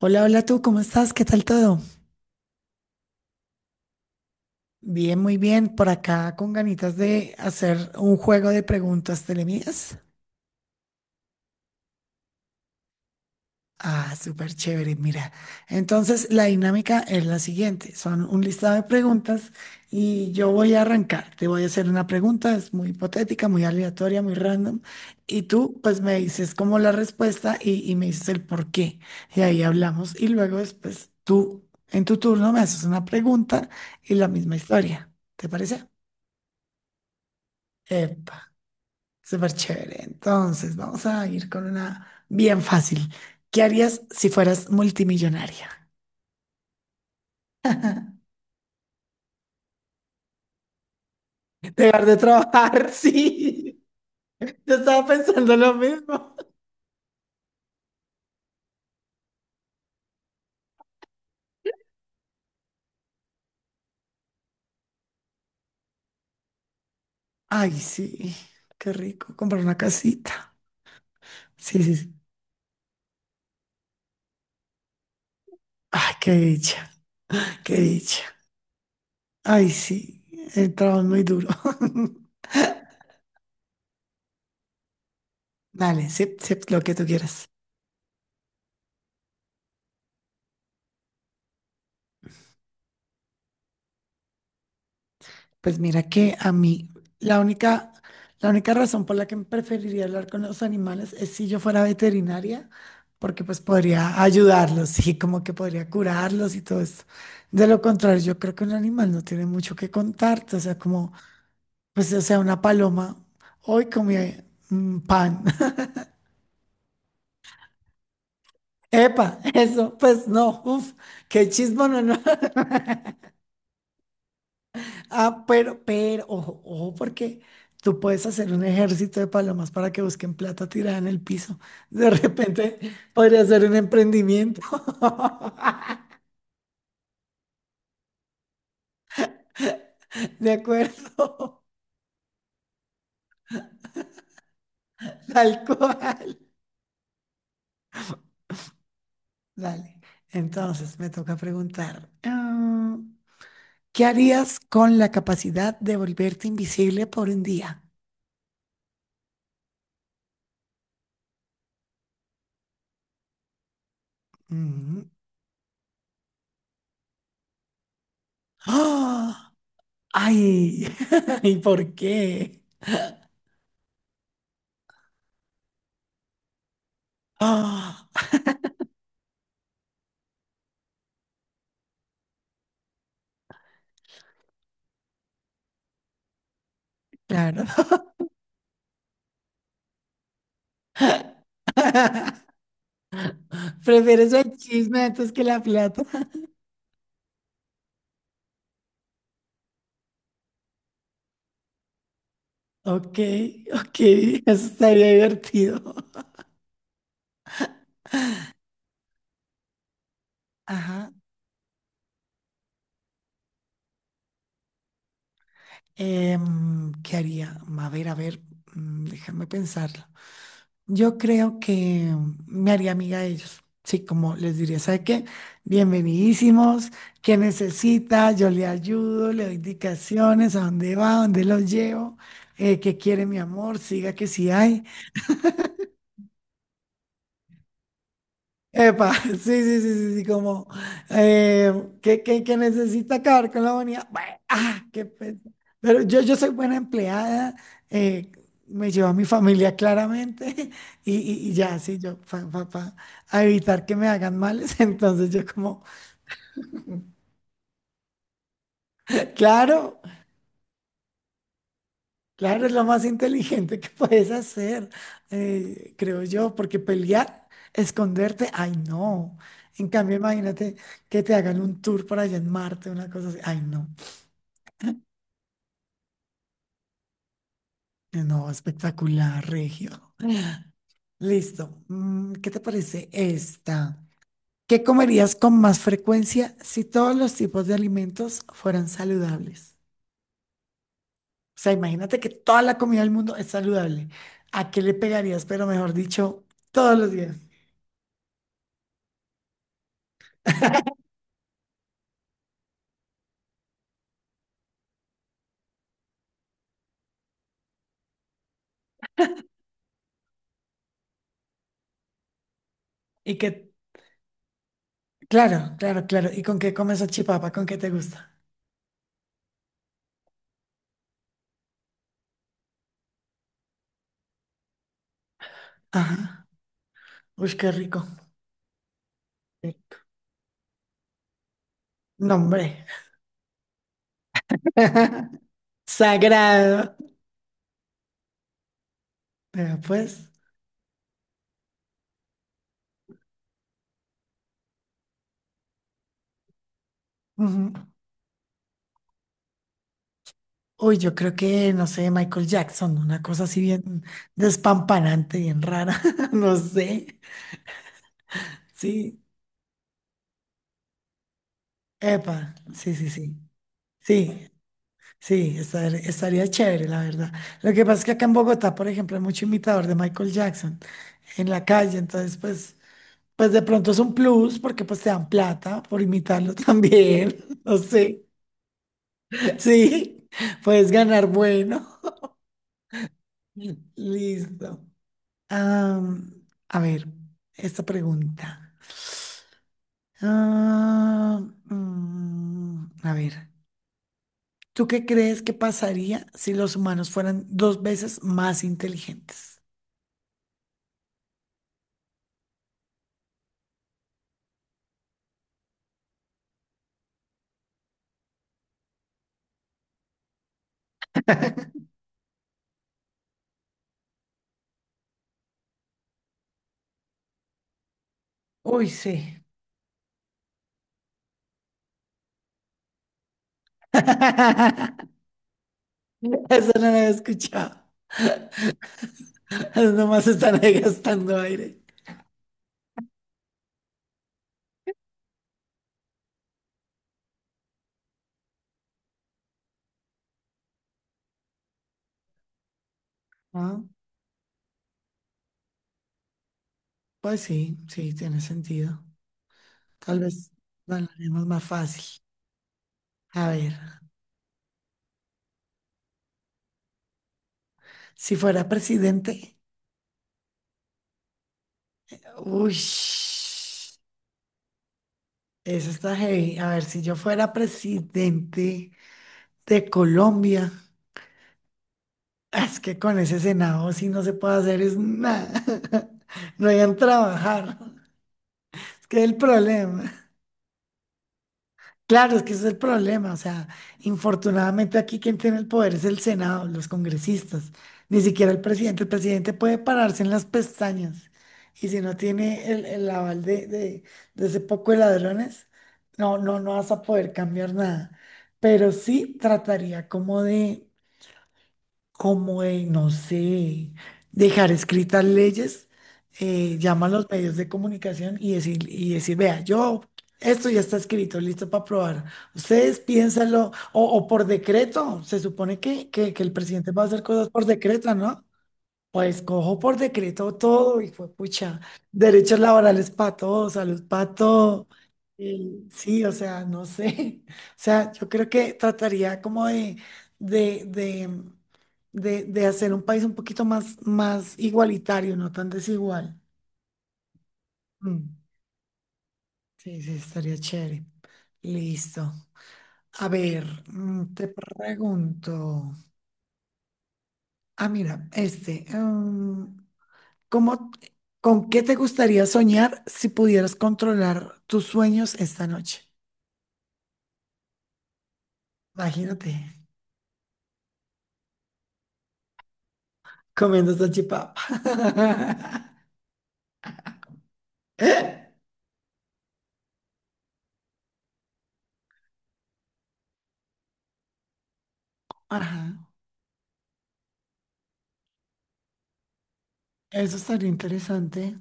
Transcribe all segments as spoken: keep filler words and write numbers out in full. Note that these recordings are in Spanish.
Hola, hola tú, ¿cómo estás? ¿Qué tal todo? Bien, muy bien. Por acá con ganitas de hacer un juego de preguntas telemidas. Ah, súper chévere, mira. Entonces, la dinámica es la siguiente. Son un listado de preguntas y yo voy a arrancar. Te voy a hacer una pregunta, es muy hipotética, muy aleatoria, muy random. Y tú, pues, me dices como la respuesta y, y me dices el por qué. Y ahí hablamos. Y luego después tú, en tu turno, me haces una pregunta y la misma historia. ¿Te parece? Epa, súper chévere. Entonces, vamos a ir con una bien fácil. ¿Qué harías si fueras multimillonaria? Dejar de trabajar, sí. Yo estaba pensando lo mismo. Ay, sí, qué rico, comprar una casita. Sí, sí, sí. Ay, qué dicha, qué dicha. Ay, sí, el trabajo es muy duro. Dale, sí, sí, lo que tú quieras. Pues mira que a mí la única, la única razón por la que preferiría hablar con los animales es si yo fuera veterinaria, porque pues podría ayudarlos y como que podría curarlos y todo eso. De lo contrario, yo creo que un animal no tiene mucho que contarte, o sea, como, pues, o sea, una paloma, hoy comí mm, pan. Epa, eso, pues no, uff, qué chismo, no, no. Ah, pero, pero, ojo, ojo, porque tú puedes hacer un ejército de palomas para que busquen plata tirada en el piso. De repente podría ser un emprendimiento. De acuerdo, tal cual. Dale. Entonces me toca preguntar, ah, ¿qué harías con la capacidad de volverte invisible por un día? Mm. ¡Ah! ¡Ay! ¿Y por qué? Ah, claro. Prefieres el chisme antes que la plata. Ok, ok, eso estaría divertido. Ajá. Em, ¿qué haría? A ver, a ver, mm, déjame pensarlo. Yo creo que me haría amiga de ellos. Sí, como les diría, ¿sabe qué? Bienvenidísimos, ¿qué necesita? Yo le ayudo, le doy indicaciones, a dónde va, a dónde los llevo, eh, qué quiere mi amor, siga que sí hay. Epa, sí, sí, sí, sí, sí, como eh, que, que, que necesita acabar con la bonita. Ah, qué pena. Pero yo, yo soy buena empleada, eh, me llevo a mi familia claramente y, y- y ya, sí, yo, pa, pa- pa, a evitar que me hagan males. Entonces yo como, claro, claro, es lo más inteligente que puedes hacer, eh, creo yo, porque pelear, esconderte, ay, no. En cambio, imagínate que te hagan un tour por allá en Marte, una cosa así, ay, no. Eh, no, espectacular, Regio. Listo. Mm, ¿qué te parece esta? ¿Qué comerías con más frecuencia si todos los tipos de alimentos fueran saludables? O sea, imagínate que toda la comida del mundo es saludable. ¿A qué le pegarías, pero mejor dicho, todos los días? Y que, claro, claro, claro. ¿Y con qué comes chipapa? ¿Con qué te gusta? Ajá. Uy, qué rico. Sí. No, hombre. Sagrado. Vea, pues. Ujú. Uy, yo creo que, no sé, Michael Jackson, una cosa así bien despampanante, bien rara, no sé. Sí, epa, sí, sí, sí. Sí, sí, estar- estaría chévere, la verdad. Lo que pasa es que acá en Bogotá, por ejemplo, hay mucho imitador de Michael Jackson en la calle, entonces, pues, pues de pronto es un plus porque pues te dan plata por imitarlo también, no sé. Sí, puedes ganar bueno. Listo. Am, a ver, esta pregunta. Ah, mm, a ver, ¿tú qué crees que pasaría si los humanos fueran dos veces más inteligentes? Uy, sí. Eso no lo había escuchado. Nomás están ahí gastando aire. Ah, pues sí, sí, tiene sentido. Tal vez lo haremos más fácil. A ver, si fuera presidente, uy. Eso está heavy. A ver, si yo fuera presidente de Colombia, ah, es que con ese Senado sí no se puede hacer es nada. No hayan trabajar. Es que es el problema. Claro, es que ese es el problema. O sea, infortunadamente aquí quien tiene el poder es el Senado, los congresistas, ni siquiera el presidente. El presidente puede pararse en las pestañas y si no tiene el, el aval de, de, de ese poco de ladrones, no, no, no vas a poder cambiar nada. Pero sí trataría como de, como de, no sé, dejar escritas leyes, eh, llama a los medios de comunicación y decir, y decir, vea, yo, esto ya está escrito, listo para aprobar. Ustedes piénsalo, o, o por decreto, se supone que, que, que el presidente va a hacer cosas por decreto, ¿no? Pues cojo por decreto todo y fue pucha, derechos laborales para todos, salud para todo. Eh, sí, o sea, no sé. O sea, yo creo que trataría como de, de, de, de, de hacer un país un poquito más, más igualitario, no tan desigual. Mm, sí, sí, estaría chévere. Listo. A ver, mm, te pregunto. Ah, mira, este. em, ¿Cómo, con qué te gustaría soñar si pudieras controlar tus sueños esta noche? Imagínate, comiendo salchipapa. Ajá, eso estaría interesante.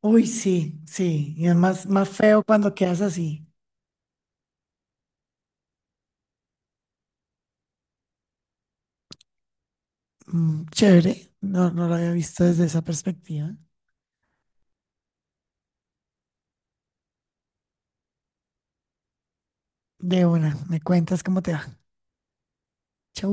Uy, sí, sí, y es más, más feo cuando quedas así. Mm, chévere, no, no lo había visto desde esa perspectiva. De una, me cuentas cómo te va. Chau.